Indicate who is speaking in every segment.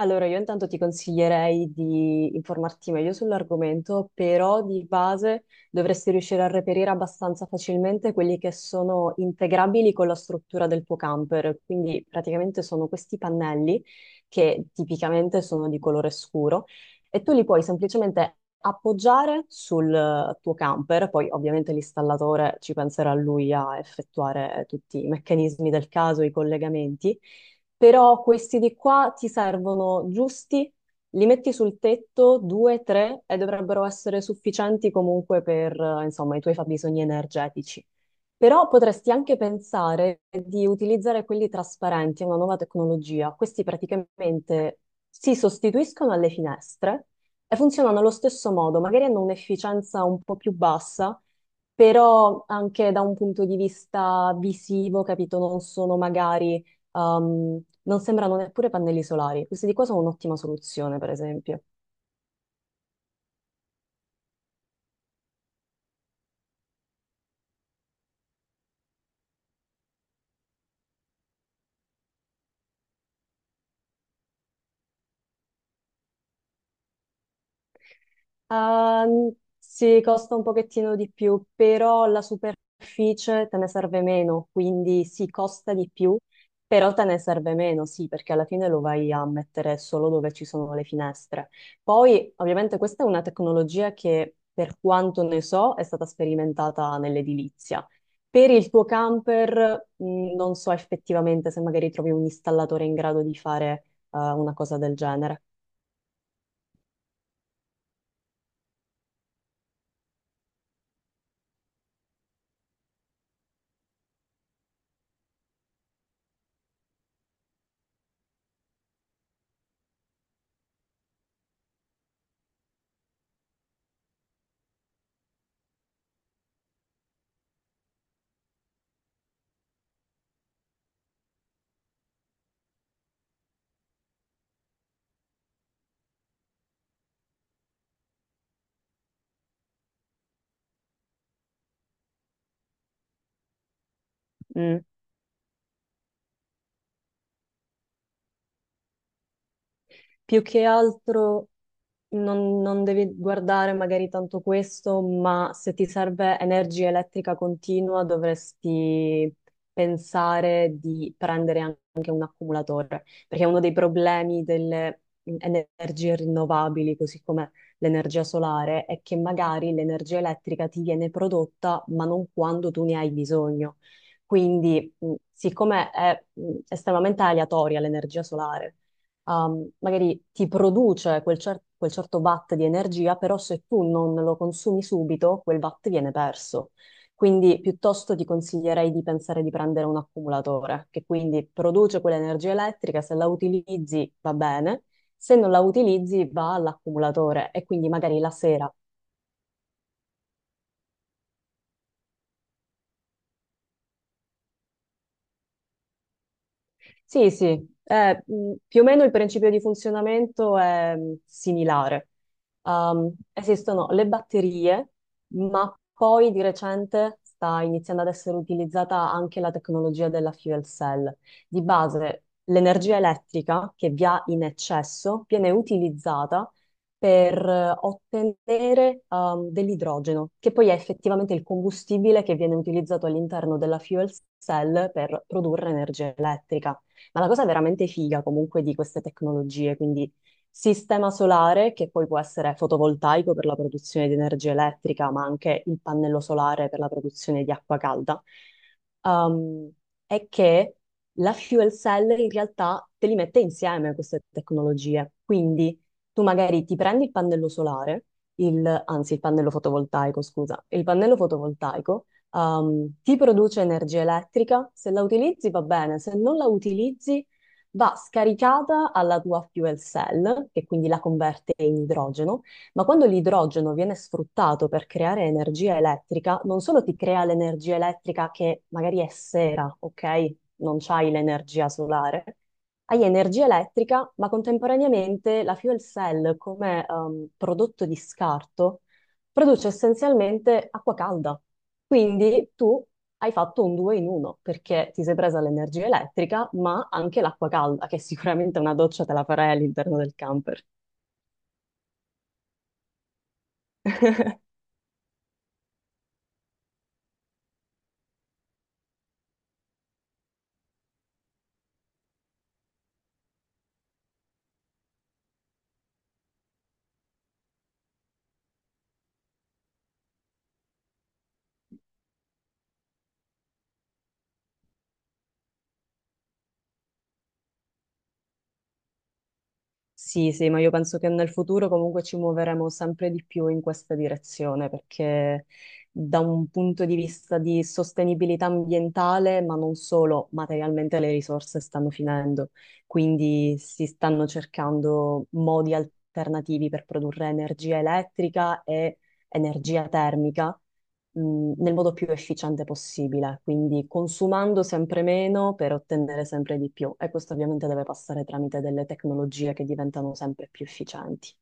Speaker 1: Allora, io intanto ti consiglierei di informarti meglio sull'argomento, però di base dovresti riuscire a reperire abbastanza facilmente quelli che sono integrabili con la struttura del tuo camper. Quindi praticamente sono questi pannelli che tipicamente sono di colore scuro e tu li puoi semplicemente appoggiare sul tuo camper, poi ovviamente l'installatore ci penserà lui a effettuare tutti i meccanismi del caso, i collegamenti. Però questi di qua ti servono giusti, li metti sul tetto, due, tre, e dovrebbero essere sufficienti comunque per, insomma, i tuoi fabbisogni energetici. Però potresti anche pensare di utilizzare quelli trasparenti, è una nuova tecnologia. Questi praticamente si sostituiscono alle finestre e funzionano allo stesso modo, magari hanno un'efficienza un po' più bassa, però anche da un punto di vista visivo, capito, non sono magari, non sembrano neppure pannelli solari. Questi di qua sono un'ottima soluzione, per esempio. Ehm, sì, costa un pochettino di più, però la superficie te ne serve meno, quindi sì, costa di più, però te ne serve meno, sì, perché alla fine lo vai a mettere solo dove ci sono le finestre. Poi, ovviamente, questa è una tecnologia che, per quanto ne so, è stata sperimentata nell'edilizia. Per il tuo camper, non so effettivamente se magari trovi un installatore in grado di fare, una cosa del genere. Mm. Più che altro. Non devi guardare magari tanto questo, ma se ti serve energia elettrica continua dovresti pensare di prendere anche un accumulatore, perché uno dei problemi delle energie rinnovabili, così come l'energia solare, è che magari l'energia elettrica ti viene prodotta, ma non quando tu ne hai bisogno. Quindi, siccome è estremamente aleatoria l'energia solare, magari ti produce quel certo watt di energia, però se tu non lo consumi subito, quel watt viene perso. Quindi piuttosto ti consiglierei di pensare di prendere un accumulatore, che quindi produce quell'energia elettrica, se la utilizzi va bene, se non la utilizzi va all'accumulatore e quindi magari la sera. Sì, sì, più o meno il principio di funzionamento è similare. Esistono le batterie, ma poi di recente sta iniziando ad essere utilizzata anche la tecnologia della fuel cell. Di base, l'energia elettrica che vi ha in eccesso viene utilizzata per ottenere dell'idrogeno, che poi è effettivamente il combustibile che viene utilizzato all'interno della fuel cell per produrre energia elettrica. Ma la cosa veramente figa comunque di queste tecnologie, quindi sistema solare che poi può essere fotovoltaico per la produzione di energia elettrica, ma anche il pannello solare per la produzione di acqua calda, ehm, è che la fuel cell in realtà te li mette insieme queste tecnologie. Quindi tu magari ti prendi il pannello solare, anzi il pannello fotovoltaico, scusa, il pannello fotovoltaico ti produce energia elettrica. Se la utilizzi va bene, se non la utilizzi va scaricata alla tua fuel cell, che quindi la converte in idrogeno, ma quando l'idrogeno viene sfruttato per creare energia elettrica, non solo ti crea l'energia elettrica che magari è sera, ok? Non c'hai l'energia solare. Hai energia elettrica, ma contemporaneamente la fuel cell come prodotto di scarto produce essenzialmente acqua calda. Quindi tu hai fatto un due in uno perché ti sei presa l'energia elettrica, ma anche l'acqua calda, che sicuramente una doccia te la farai all'interno del camper. Sì, sì, ma io penso che nel futuro comunque ci muoveremo sempre di più in questa direzione perché da un punto di vista di sostenibilità ambientale, ma non solo, materialmente le risorse stanno finendo, quindi si stanno cercando modi alternativi per produrre energia elettrica e energia termica nel modo più efficiente possibile, quindi consumando sempre meno per ottenere sempre di più. E questo ovviamente deve passare tramite delle tecnologie che diventano sempre più efficienti.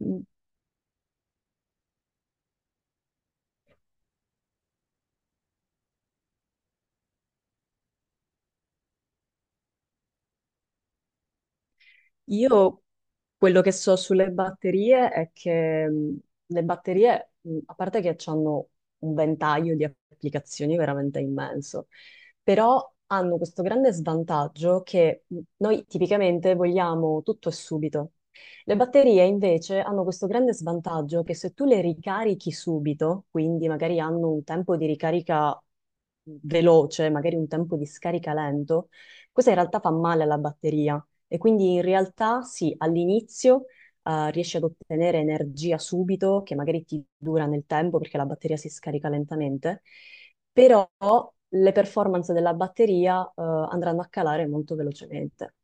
Speaker 1: Mm. Io quello che so sulle batterie è che le batterie, a parte che hanno un ventaglio di applicazioni veramente immenso, però hanno questo grande svantaggio che noi tipicamente vogliamo tutto e subito. Le batterie invece hanno questo grande svantaggio che se tu le ricarichi subito, quindi magari hanno un tempo di ricarica veloce, magari un tempo di scarica lento, questo in realtà fa male alla batteria e quindi in realtà sì, all'inizio riesci ad ottenere energia subito, che magari ti dura nel tempo perché la batteria si scarica lentamente, però le performance della batteria andranno a calare molto velocemente.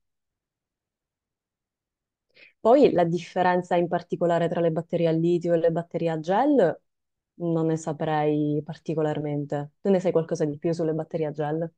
Speaker 1: Poi la differenza in particolare tra le batterie al litio e le batterie a gel non ne saprei particolarmente. Tu ne sai qualcosa di più sulle batterie a gel?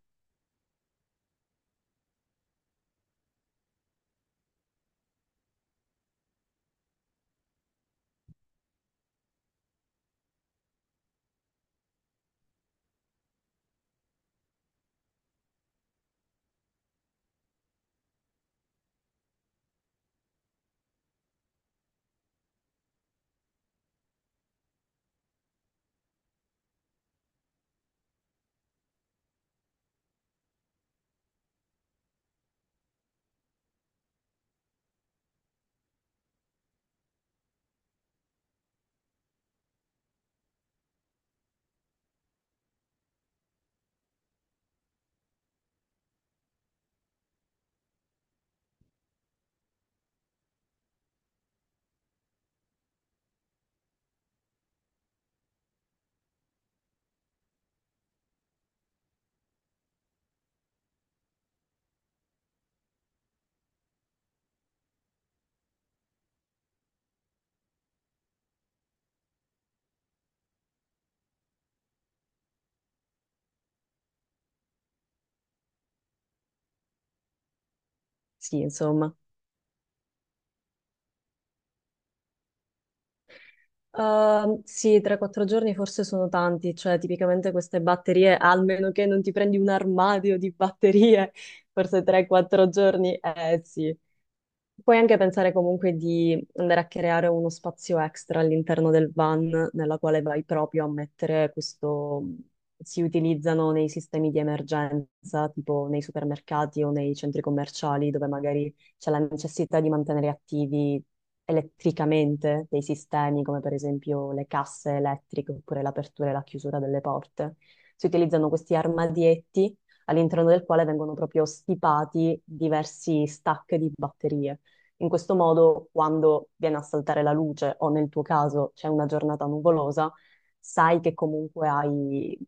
Speaker 1: Sì, insomma. Sì, 3-4 giorni forse sono tanti, cioè tipicamente queste batterie, almeno che non ti prendi un armadio di batterie, forse 3-4 giorni, eh sì. Puoi anche pensare comunque di andare a creare uno spazio extra all'interno del van nella quale vai proprio a mettere questo, si utilizzano nei sistemi di emergenza, tipo nei supermercati o nei centri commerciali dove magari c'è la necessità di mantenere attivi elettricamente dei sistemi, come per esempio le casse elettriche oppure l'apertura e la chiusura delle porte. Si utilizzano questi armadietti all'interno del quale vengono proprio stipati diversi stack di batterie. In questo modo, quando viene a saltare la luce o nel tuo caso c'è una giornata nuvolosa, sai che comunque hai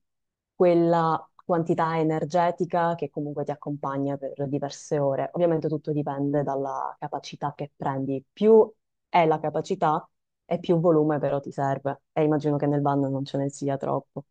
Speaker 1: quella quantità energetica che comunque ti accompagna per diverse ore. Ovviamente tutto dipende dalla capacità che prendi. Più è la capacità e più volume però ti serve. E immagino che nel van non ce ne sia troppo.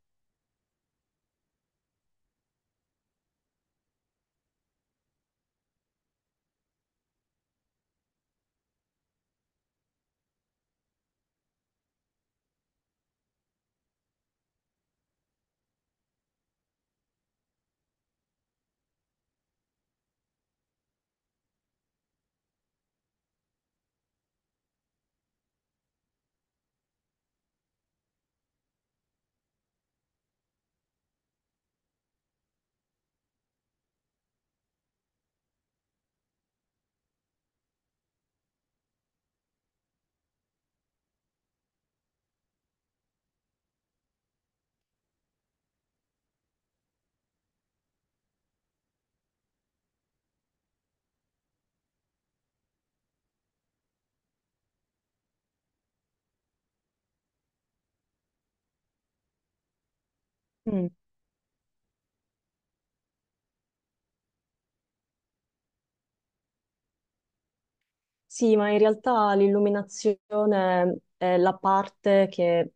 Speaker 1: Sì, ma in realtà l'illuminazione è la parte che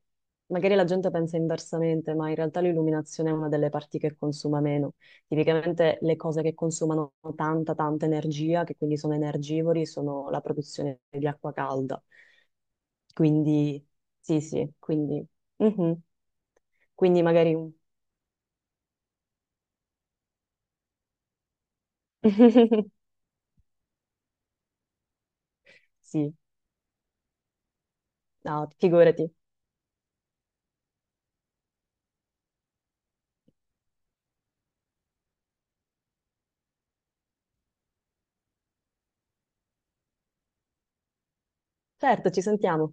Speaker 1: magari la gente pensa inversamente, ma in realtà l'illuminazione è una delle parti che consuma meno. Tipicamente le cose che consumano tanta, tanta energia, che quindi sono energivori, sono la produzione di acqua calda. Quindi, sì, sì, quindi, mhm. Quindi magari un... Sì, no, figurati. Certo, ci sentiamo.